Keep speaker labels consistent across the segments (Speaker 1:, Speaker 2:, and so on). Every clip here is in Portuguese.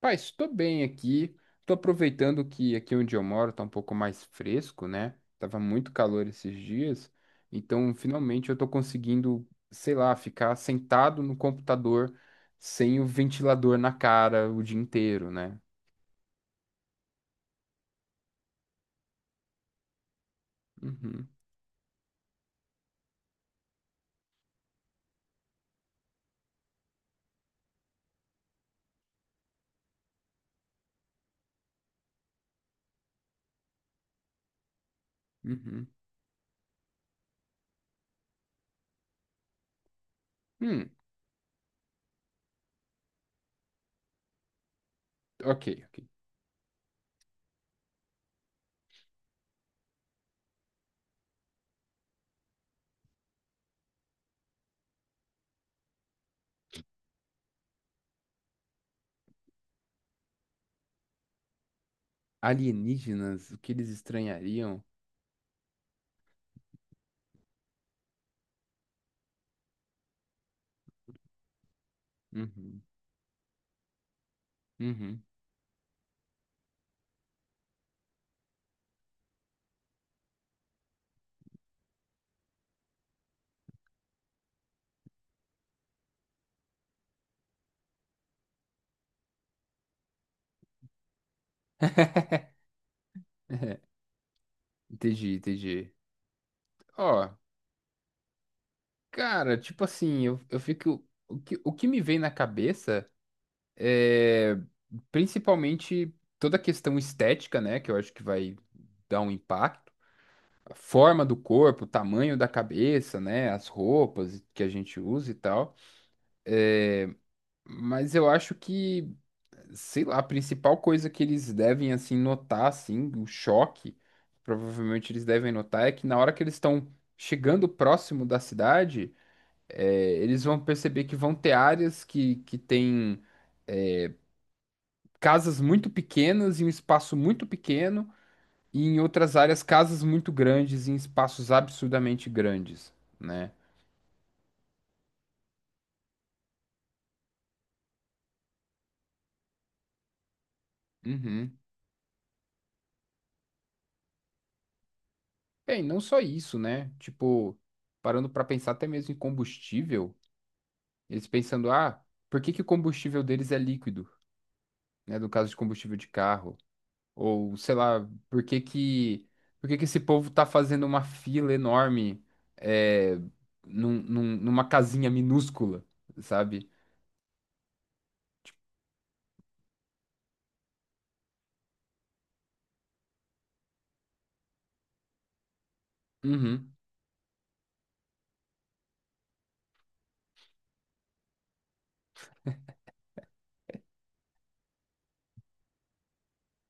Speaker 1: Pai, estou bem aqui. Estou aproveitando que aqui onde eu moro está um pouco mais fresco, né? Tava muito calor esses dias. Então, finalmente eu estou conseguindo, sei lá, ficar sentado no computador sem o ventilador na cara o dia inteiro, né? Uhum, uhum. Hum, ok, ok. Alienígenas, o que eles estranhariam? Uhum, uhum. Entendi, entendi. Ó, cara, tipo assim, eu fico. O que me vem na cabeça. É, principalmente toda a questão estética, né? Que eu acho que vai dar um impacto. A forma do corpo, o tamanho da cabeça, né? As roupas que a gente usa e tal. É, mas eu acho que, sei lá, a principal coisa que eles devem, assim, notar, assim, o choque, provavelmente eles devem notar, é que na hora que eles estão chegando próximo da cidade, é, eles vão perceber que vão ter áreas que têm casas muito pequenas em um espaço muito pequeno, e em outras áreas, casas muito grandes em espaços absurdamente grandes, né? Uhum. Bem, não só isso, né? Tipo, parando para pensar até mesmo em combustível, eles pensando, ah, por que que o combustível deles é líquido, né? No caso de combustível de carro, ou sei lá, por que que esse povo tá fazendo uma fila enorme, é, numa casinha minúscula, sabe? Uhum.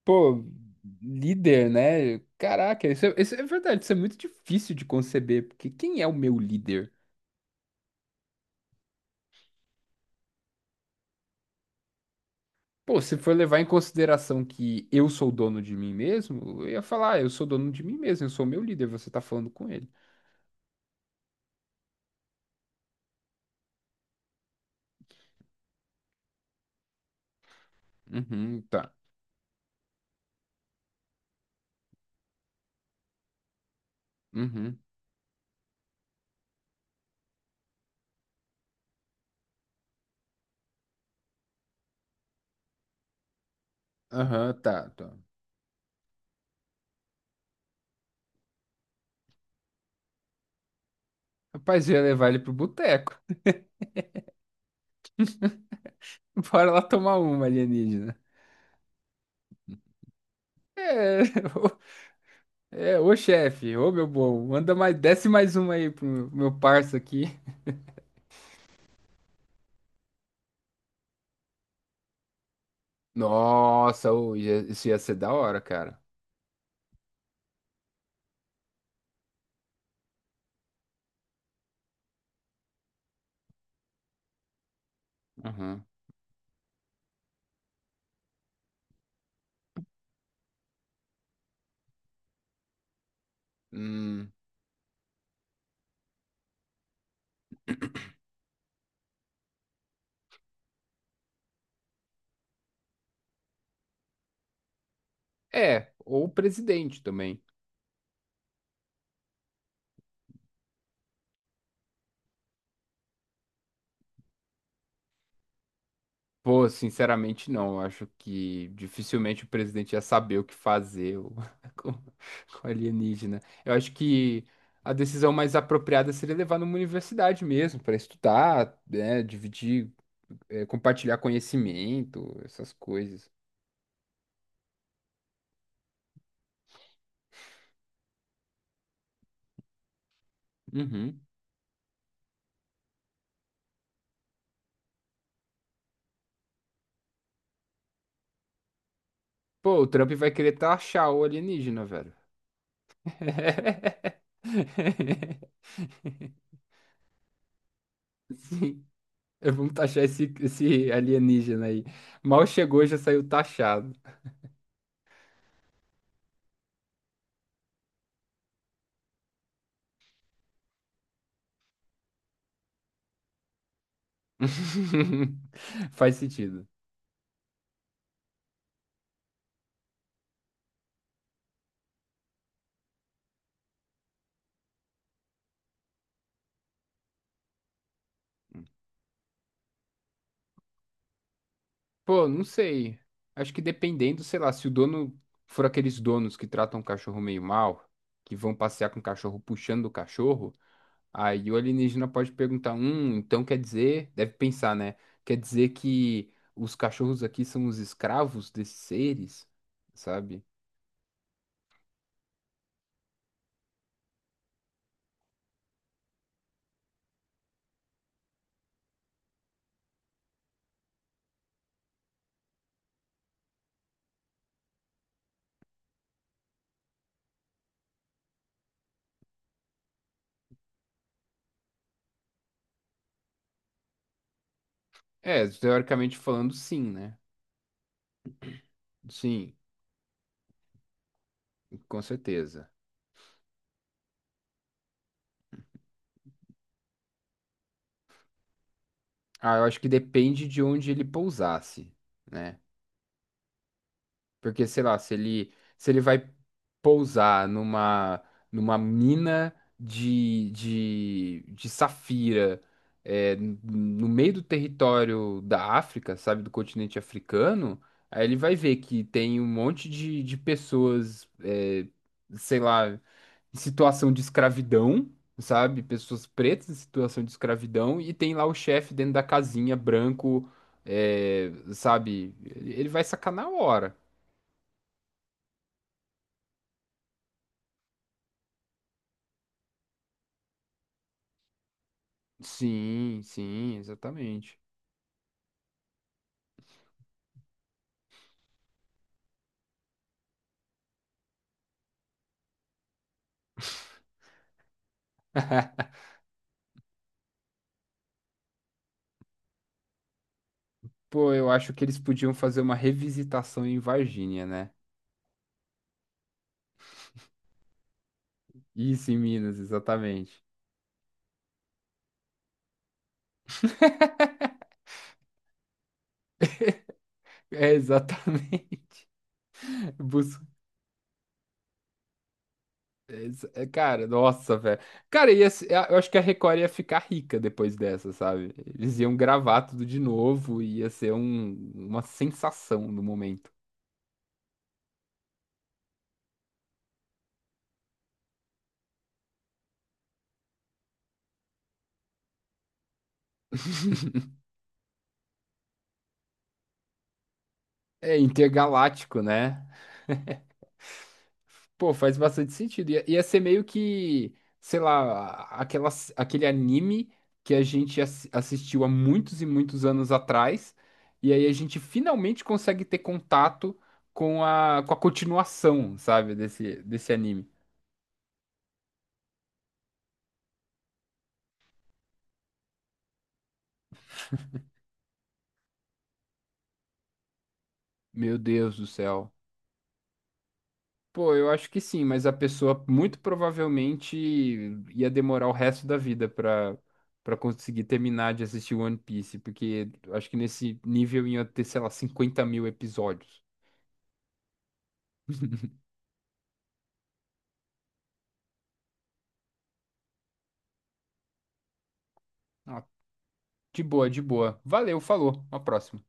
Speaker 1: Pô, líder, né? Caraca, isso é verdade, isso é muito difícil de conceber, porque quem é o meu líder? Pô, se for levar em consideração que eu sou dono de mim mesmo, eu ia falar, "Ah, eu sou dono de mim mesmo, eu sou meu líder, você tá falando com ele." Uhum, tá. Uhum. Aham, tá, tá. Rapaz, eu ia levar ele pro boteco. Bora lá tomar uma, alienígena. É, ô, é, ô chefe, ô meu bom, manda mais, desce mais uma aí pro meu parça aqui. Nossa, ô, isso ia ser da hora, cara. Aham. Hum, é, ou o presidente também. Pô, sinceramente, não. Eu acho que dificilmente o presidente ia saber o que fazer com alienígena. Eu acho que a decisão mais apropriada seria levar numa universidade mesmo, para estudar, né, dividir, compartilhar conhecimento, essas coisas. Uhum. Pô, o Trump vai querer taxar o alienígena, velho. É, vamos taxar esse alienígena aí. Mal chegou, já saiu taxado. Faz sentido. Pô, não sei. Acho que dependendo, sei lá, se o dono for aqueles donos que tratam o cachorro meio mal, que vão passear com o cachorro puxando o cachorro, aí o alienígena pode perguntar: então quer dizer, deve pensar, né? Quer dizer que os cachorros aqui são os escravos desses seres, sabe? É, teoricamente falando, sim, né? Sim, com certeza. Ah, eu acho que depende de onde ele pousasse, né? Porque, sei lá, se ele vai pousar numa, numa mina de safira, é, no meio do território da África, sabe, do continente africano, aí ele vai ver que tem um monte de pessoas, é, sei lá, em situação de escravidão, sabe, pessoas pretas em situação de escravidão, e tem lá o chefe dentro da casinha, branco, é, sabe, ele vai sacanar a hora. Sim, sim, exatamente. Pô, eu acho que eles podiam fazer uma revisitação em Varginha, né? Isso, em Minas, exatamente. É, exatamente. Bus- Cara, nossa, velho. Cara, ia, se- eu acho que a Record ia ficar rica depois dessa, sabe? Eles iam gravar tudo de novo e ia ser uma sensação no momento. É intergaláctico, né? Pô, faz bastante sentido. Ia ser meio que, sei lá, aquela, aquele anime que a gente assistiu há muitos e muitos anos atrás, e aí a gente finalmente consegue ter contato com a continuação, sabe, desse, desse anime. Meu Deus do céu. Pô, eu acho que sim, mas a pessoa muito provavelmente ia demorar o resto da vida pra, pra conseguir terminar de assistir One Piece, porque acho que nesse nível ia ter, sei lá, 50 mil episódios. Ah, de boa, de boa. Valeu, falou. Uma próxima.